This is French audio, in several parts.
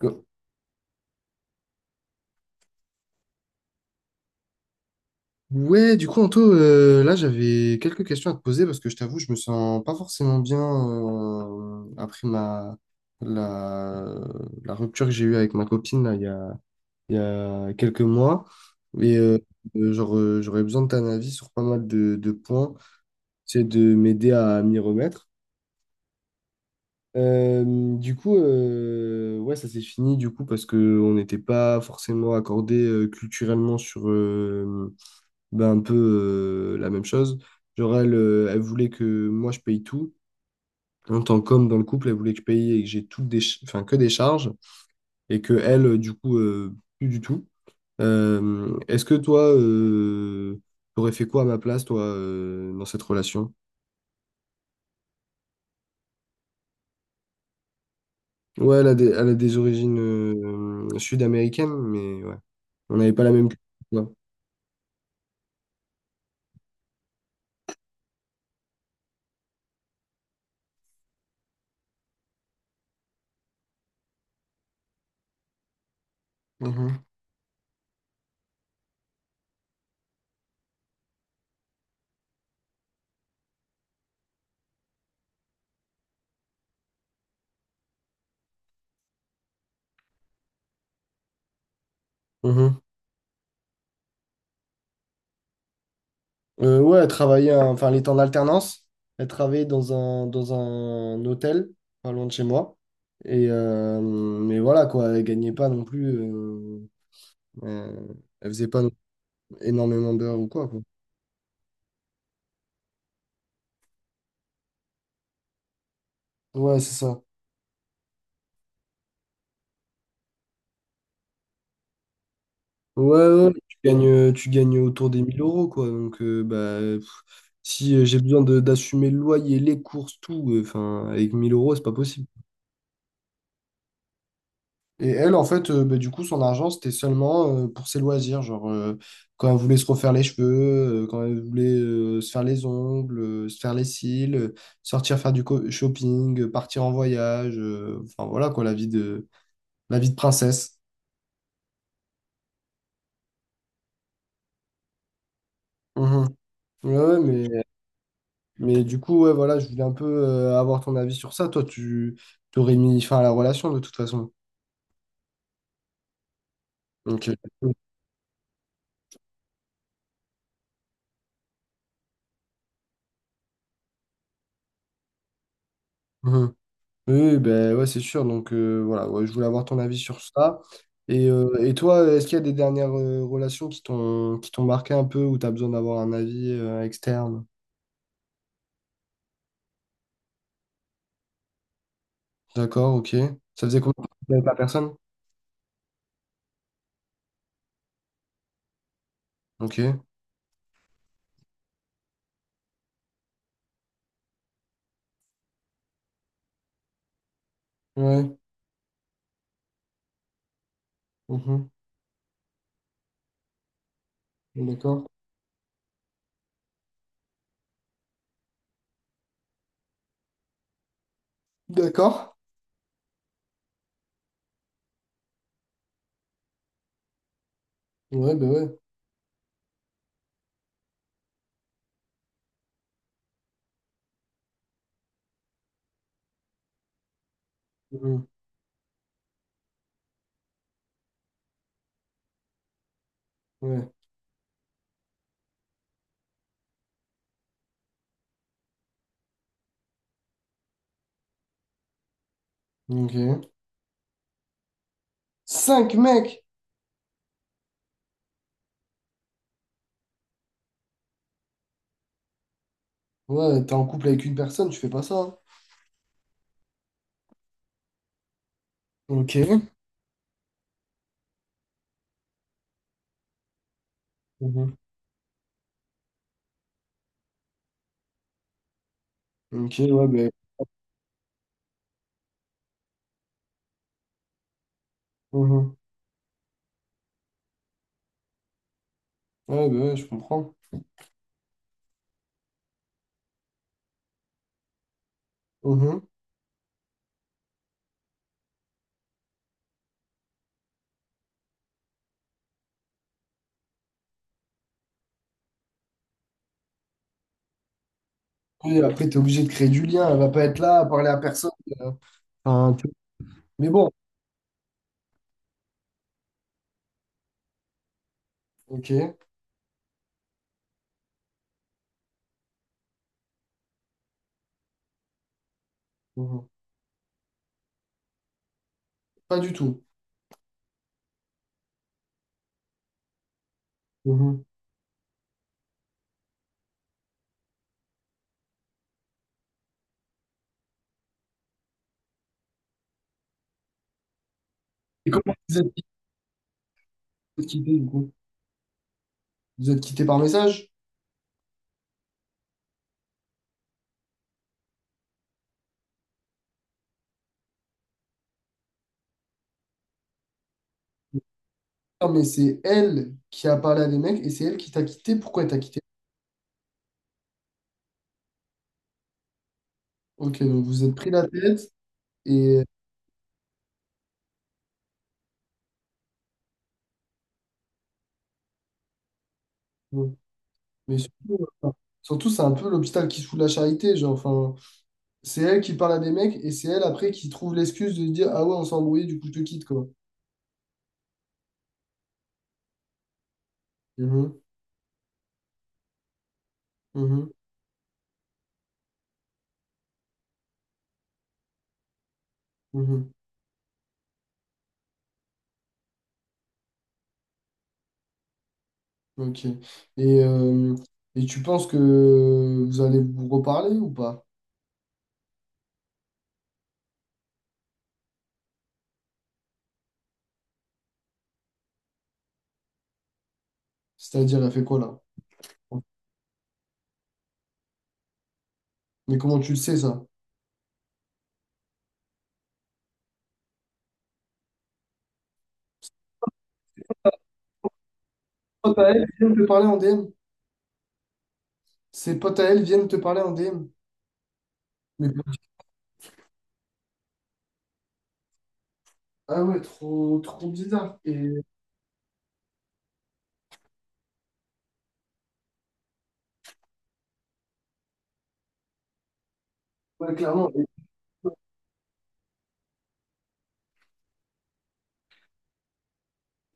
Go. Anto, là, j'avais quelques questions à te poser parce que je t'avoue, je me sens pas forcément bien après la, la rupture que j'ai eue avec ma copine là, il y a quelques mois. Et euh, J'aurais besoin de ton avis sur pas mal de points, c'est de m'aider à m'y remettre. Euh, ouais, ça s'est fini du coup parce que on n'était pas forcément accordé culturellement sur, un peu la même chose. Genre, elle voulait que moi, je paye tout. En tant qu'homme dans le couple, elle voulait que je paye et que j'ai toutes que des charges et que elle, plus du tout. Est-ce que toi, t'aurais fait quoi à ma place, toi, dans cette relation? Ouais, elle a des origines sud-américaines, mais ouais, on n'avait pas la même culture, quoi. Mhm. Mhm. Ouais, elle travaillait, elle était en alternance. Elle travaillait dans dans un hôtel, pas loin de chez moi. Et, mais voilà, quoi, elle gagnait pas non plus. euh, elle faisait pas énormément d'heures ou quoi, quoi. Ouais, c'est ça. Ouais, ouais, tu gagnes autour des 1000 euros, quoi. Donc, si j'ai besoin d'assumer le loyer, les courses, tout, enfin, avec 1000 euros, c'est pas possible. Et elle, en fait, son argent, c'était seulement pour ses loisirs. Genre, quand elle voulait se refaire les cheveux, quand elle voulait se faire les ongles, se faire les cils, sortir faire du shopping, partir en voyage. Enfin, voilà, quoi, la vie la vie de princesse. Mhm. Ouais, ouais, mais du coup, ouais, voilà, je voulais un peu avoir ton avis sur ça. Toi, tu t'aurais mis fin à la relation, de toute façon. Donc, mhm. Oui, ben ouais, c'est sûr. Donc voilà, ouais, je voulais avoir ton avis sur ça. Et toi, est-ce qu'il y a des dernières relations qui t'ont marqué un peu ou t'as besoin d'avoir un avis externe? D'accord, ok. Ça faisait combien de temps que t'étais avec la personne? Ok. Ouais. Mhm. D'accord. D'accord. Ouais, ben ouais. Mhm. Ouais. Ok. Cinq mecs! Ouais, t'es en couple avec une personne, tu fais pas ça, hein. Ok. Mhm. Ok, ouais, ben. Mhm. Ouais, ben ouais, je comprends. Et après, tu es obligé de créer du lien. Elle va pas être là à parler à personne. euh, enfin, tu- Mais bon, ok. Mhm. Pas du tout. Mhm. Et comment vous êtes quitté, du coup? Vous êtes quitté par message? Non, mais c'est elle qui a parlé à des mecs et c'est elle qui t'a quitté. Pourquoi elle t'a quitté? Ok, donc vous êtes pris la tête et. Bon. Mais surtout, euh, surtout, c'est un peu l'hôpital qui se fout de la charité. Genre, enfin, c'est elle qui parle à des mecs et c'est elle après qui trouve l'excuse de dire: ah ouais, on s'est embrouillé, du coup, je te quitte, quoi. Mhm. Mhm. Mhm. Ok. Et, euh, et tu penses que vous allez vous reparler ou pas? C'est-à-dire, elle fait quoi là? Mais comment tu le sais ça? Potes à elle viennent te parler en DM. Ses potes à elle viennent te parler en DM. Mais... Ah ouais, trop, trop bizarre. Et ouais, clairement,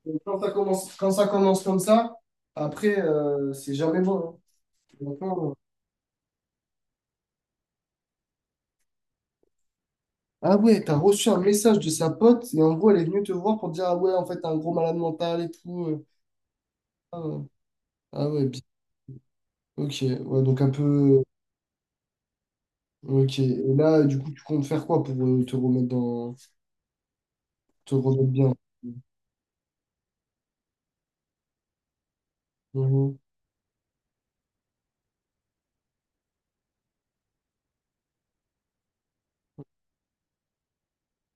et quand ça commence comme ça, après, c'est jamais bon, hein. Franchement, Ah ouais, t'as reçu un message de sa pote et en gros, elle est venue te voir pour te dire, ah ouais, en fait, t'as un gros malade mental et tout. Ah ouais, Ah ouais, Ok, ouais, donc un peu. Ok. Et là, du coup, tu comptes faire quoi pour te remettre dans. Te remettre bien? Mhm.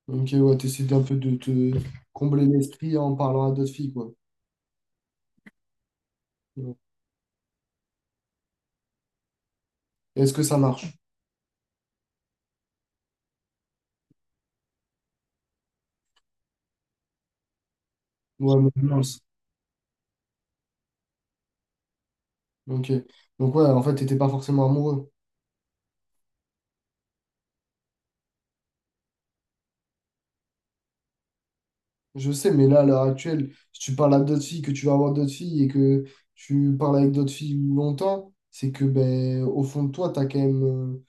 Ok, ouais, t'essaies d'un peu de te combler l'esprit en parlant à d'autres filles, quoi. Ouais. Est-ce que ça marche? Ouais, mais mince. Ok. Donc, ouais, en fait, t'étais pas forcément amoureux. Je sais, mais là, à l'heure actuelle, si tu parles à d'autres filles, que tu vas avoir d'autres filles et que tu parles avec d'autres filles longtemps, c'est que, ben, au fond de toi, t'as quand même.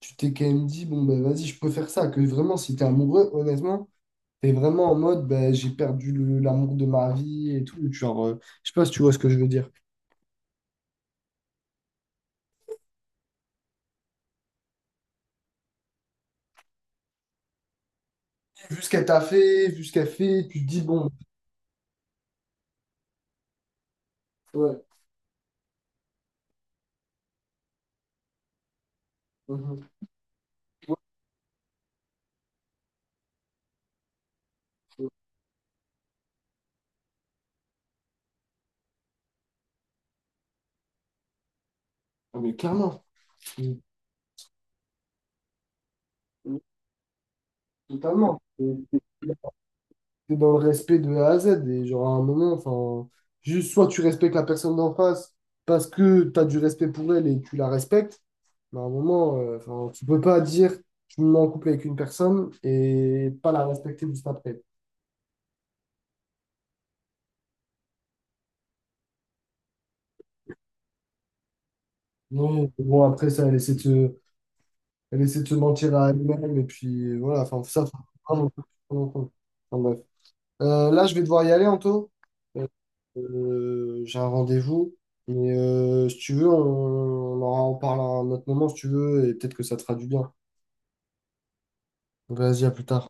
Tu t'es quand même dit, bon, ben, vas-y, je peux faire ça. Que vraiment, si t'es amoureux, honnêtement. T'es vraiment en mode, ben, j'ai perdu l'amour de ma vie et tout. Genre, je sais pas si tu vois ce que je veux dire. Vu ce qu'elle t'a fait, vu ce qu'elle fait, tu te dis, bon, ouais. Mhm. Ouais, ouais. Ah, mais clairement, Mhm. totalement. T'es- T'es dans le respect de A à Z. Et genre, à un moment, enfin, juste soit tu respectes la personne d'en face parce que t'as du respect pour elle et tu la respectes. Mais à un moment, enfin, tu peux pas dire je me mets en couple avec une personne et pas la respecter juste après. Non, bon, après ça, elle essaie de se Elle essaie de se mentir à elle-même, et puis voilà, enfin, ça, faut vraiment prendre en compte. Enfin, bref. Là, je vais devoir y aller, Anto. Euh, j'ai un rendez-vous, mais si tu veux, on en parle à un autre moment, si tu veux, et peut-être que ça te fera du bien. Vas-y, à plus tard.